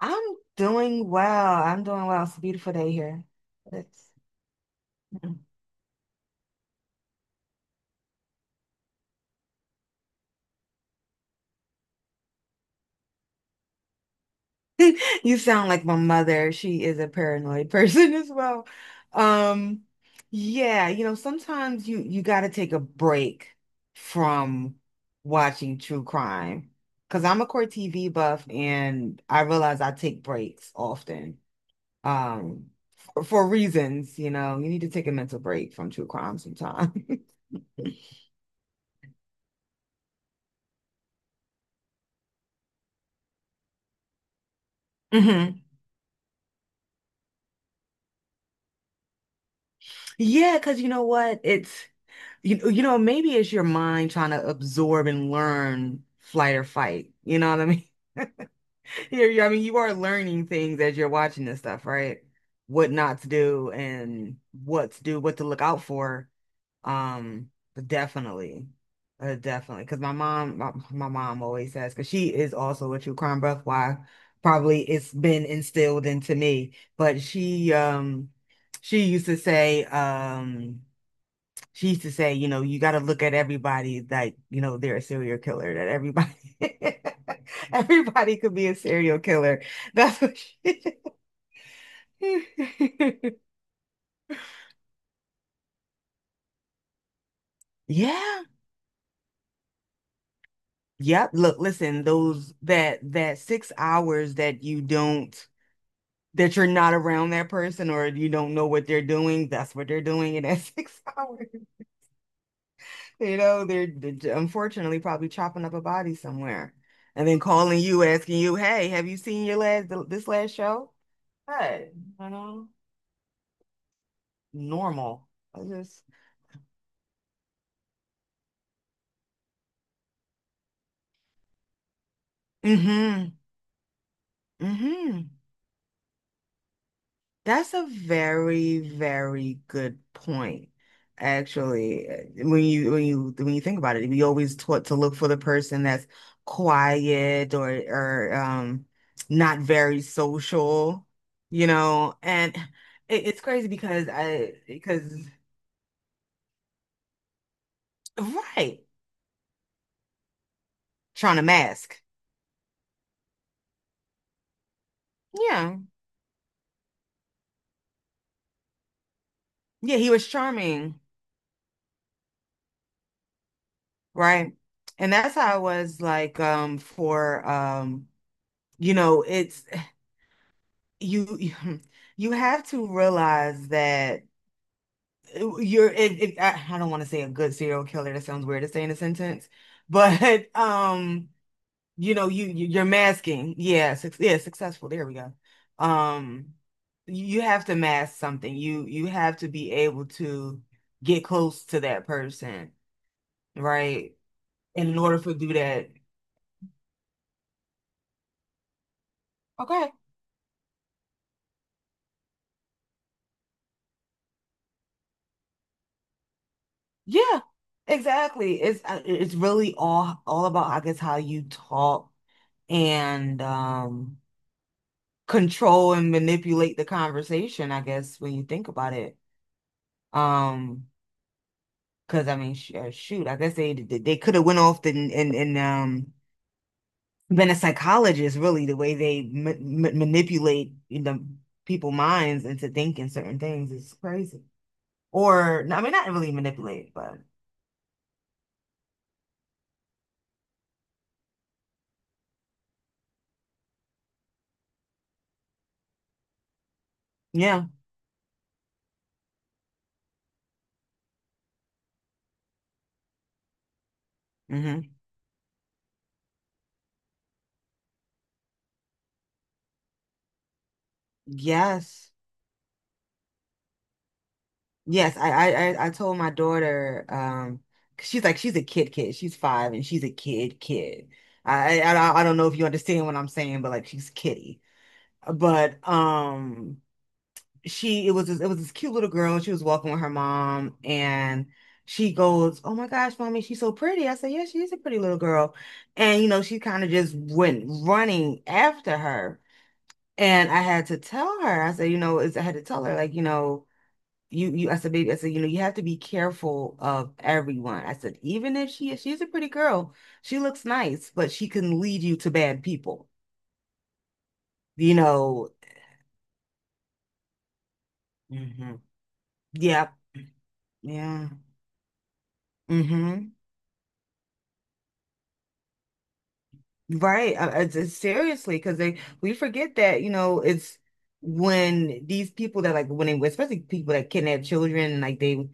I'm doing well. I'm doing well. It's a beautiful day here. It's, you sound like my mother. She is a paranoid person as well. Um, yeah, you know, sometimes you got to take a break from watching true crime because I'm a core TV buff and I realize I take breaks often. Um, for reasons, you know, you need to take a mental break from true crime sometimes. Hmm. Yeah, because you know what? It's maybe it's your mind trying to absorb and learn flight or fight. You know what I mean? I mean, you are learning things as you're watching this stuff, right? What not to do and what to do, what to look out for. But definitely, definitely. Because my mom, my mom always says, because she is also a true crime buff. Why? Probably it's been instilled into me. But she used to say, um she used to say, you know, you got to look at everybody like, you know, they're a serial killer, that everybody, everybody could be a serial killer. That's what she, yeah. Yep. Look, listen, those, that 6 hours that you don't, that you're not around that person or you don't know what they're doing, that's what they're doing in that 6 hours. You know, they're unfortunately probably chopping up a body somewhere. And then calling you, asking you, "Hey, have you seen your last this last show?" Good. You know, normal. I just, mm-hmm, mm-hmm. That's a very, very good point. Actually, when you think about it, we always taught to look for the person that's quiet or not very social, you know. And it's crazy because I because right, trying to mask. Yeah, yeah, he was charming. Right. And that's how it was like, for you know, it's, you you have to realize that, I don't want to say a good serial killer — that sounds weird to say in a sentence — but you know, you're masking. Yeah, suc yeah, successful, there we go. um you have to mask something. You have to be able to get close to that person, right, and in order for do that. Okay. Yeah, exactly. It's really all about, I guess, how you talk and control and manipulate the conversation, I guess, when you think about it. Um, because I mean, sh shoot, I guess they could have went off and been a psychologist, really. The way they ma ma manipulate, you know, people minds into thinking certain things is crazy. Or I mean, not really manipulate, but yeah. Hmm. Yes. Yes, I told my daughter, 'cause she's a kid kid. She's 5 and she's a kid kid. I don't know if you understand what I'm saying, but like she's kitty. But, she it was this cute little girl. She was walking with her mom, and she goes, "Oh my gosh, mommy, she's so pretty." I said, "Yeah, she is a pretty little girl," and she kind of just went running after her, and I had to tell her. I said, "You know, it's, I had to tell her like you know." you I said, "Baby," I said, you know, you have to be careful of everyone. I said, even if she's a pretty girl, she looks nice, but she can lead you to bad people, you know. Hmm. Yeah. Yeah. Hmm. Right. Seriously, because they we forget that, you know, it's when these people, that, like, when they, especially people that kidnap children, like they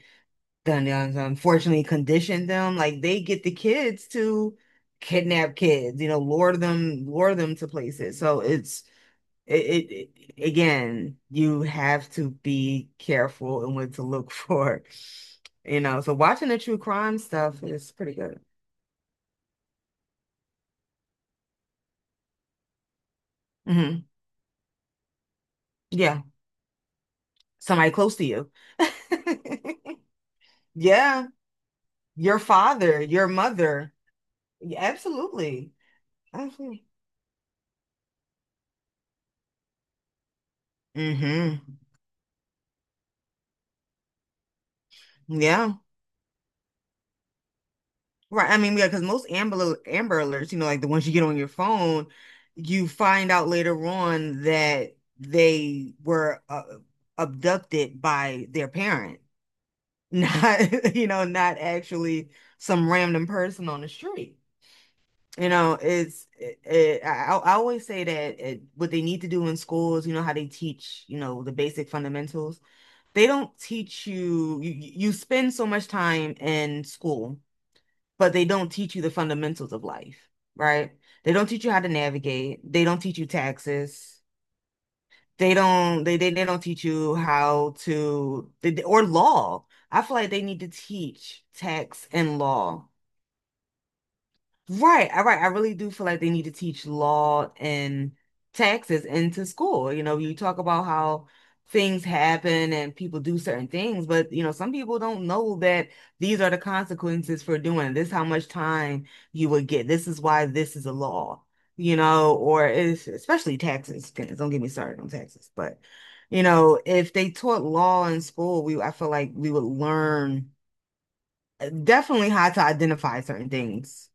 unfortunately conditioned them, like they get the kids to kidnap kids, you know, lure them to places. So it's, it, again, you have to be careful and what to look for, you know. So watching the true crime stuff is pretty good. Hmm. Yeah. Somebody close to you. Yeah. Your father, your mother. Yeah, absolutely. Absolutely. Hmm. Yeah. Right. I mean, yeah, because most Amber Alerts, you know, like the ones you get on your phone, you find out later on that they were, abducted by their parent, not, you know, not actually some random person on the street. You know, it's, I always say that, it, what they need to do in schools, you know, how they teach, you know, the basic fundamentals. They don't teach you, you, you spend so much time in school, but they don't teach you the fundamentals of life, right? They don't teach you how to navigate. They don't teach you taxes. They don't teach you how to they- or law. I feel like they need to teach tax and law. Right. I really do feel like they need to teach law and taxes into school. You know, you talk about how things happen and people do certain things, but, you know, some people don't know that these are the consequences for doing this, how much time you would get. This is why this is a law, you know, or if, especially taxes. Goodness, don't get me started on taxes. But, you know, if they taught law in school, we I feel like we would learn, definitely, how to identify certain things,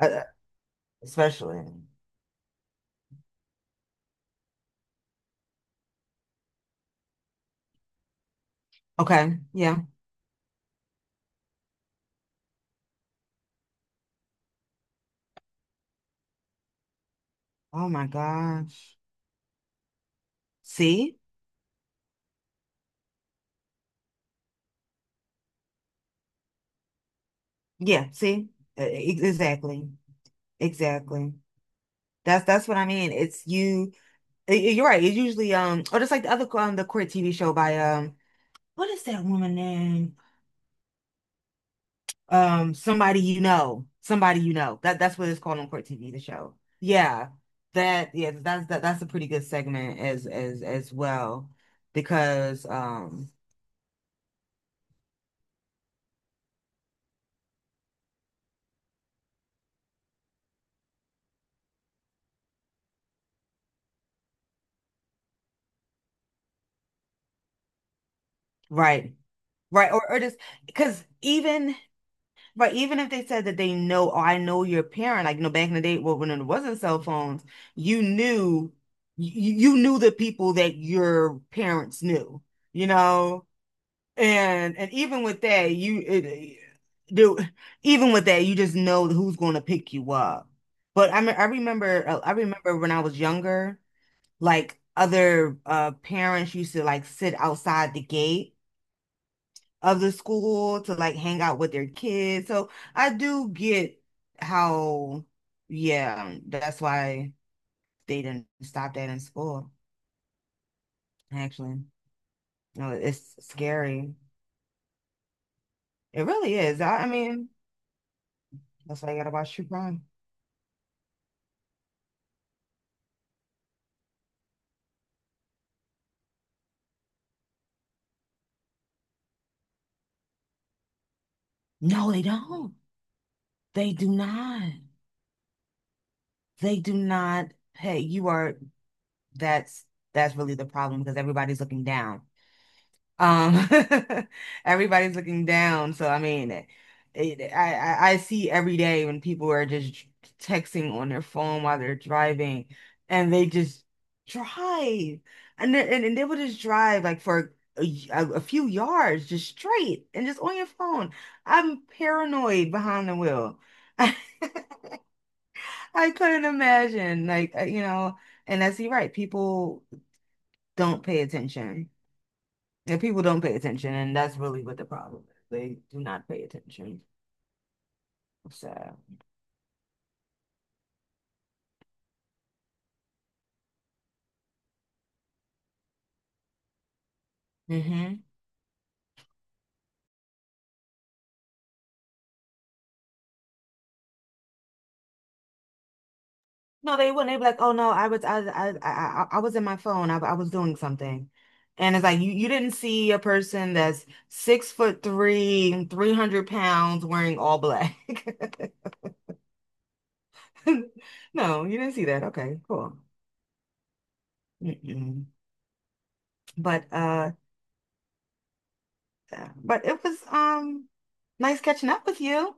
uh, especially. Okay, yeah. Oh my gosh. See? Yeah, see? Exactly. Exactly. That's what I mean. It's, you, you're right. It's usually, or just like the other, the court TV show by, what is that woman name? Somebody you know. Somebody you know. That's what it's called on court TV, the show. Yeah. That, yeah, that's a pretty good segment as, as well, because, right. Right. Or just, because, even but even if they said that they know, oh, I know your parent, like, you know, back in the day, well, when it wasn't cell phones, you knew, you knew the people that your parents knew, you know? And even with that, do, even with that, you just know who's going to pick you up. But I mean, I remember when I was younger, like other, parents used to like sit outside the gate of the school to like hang out with their kids. So I do get how, yeah, that's why they didn't stop that in school, actually. No, it's scary. It really is. I mean, that's why you gotta watch true crime. No, they don't. They do not. They do not. Hey, you are, that's, that's really the problem, because everybody's looking down. Um, everybody's looking down. So I mean, I see every day when people are just texting on their phone while they're driving, and they just drive, and they will just drive like for a, a few yards, just straight, and just on your phone. I'm paranoid behind the wheel. I couldn't imagine, like, you know, and that's, you're right. People don't pay attention. And people don't pay attention, and that's really what the problem is. They do not pay attention. So, hmm, no, they wouldn't. They'd be like, "Oh no, I was, I was in my phone. I was doing something." And it's like, you didn't see a person that's 6'3", 300 pounds, wearing all black. No, you didn't see that. Okay, cool. Mm-mm. But, but it was, nice catching up with you.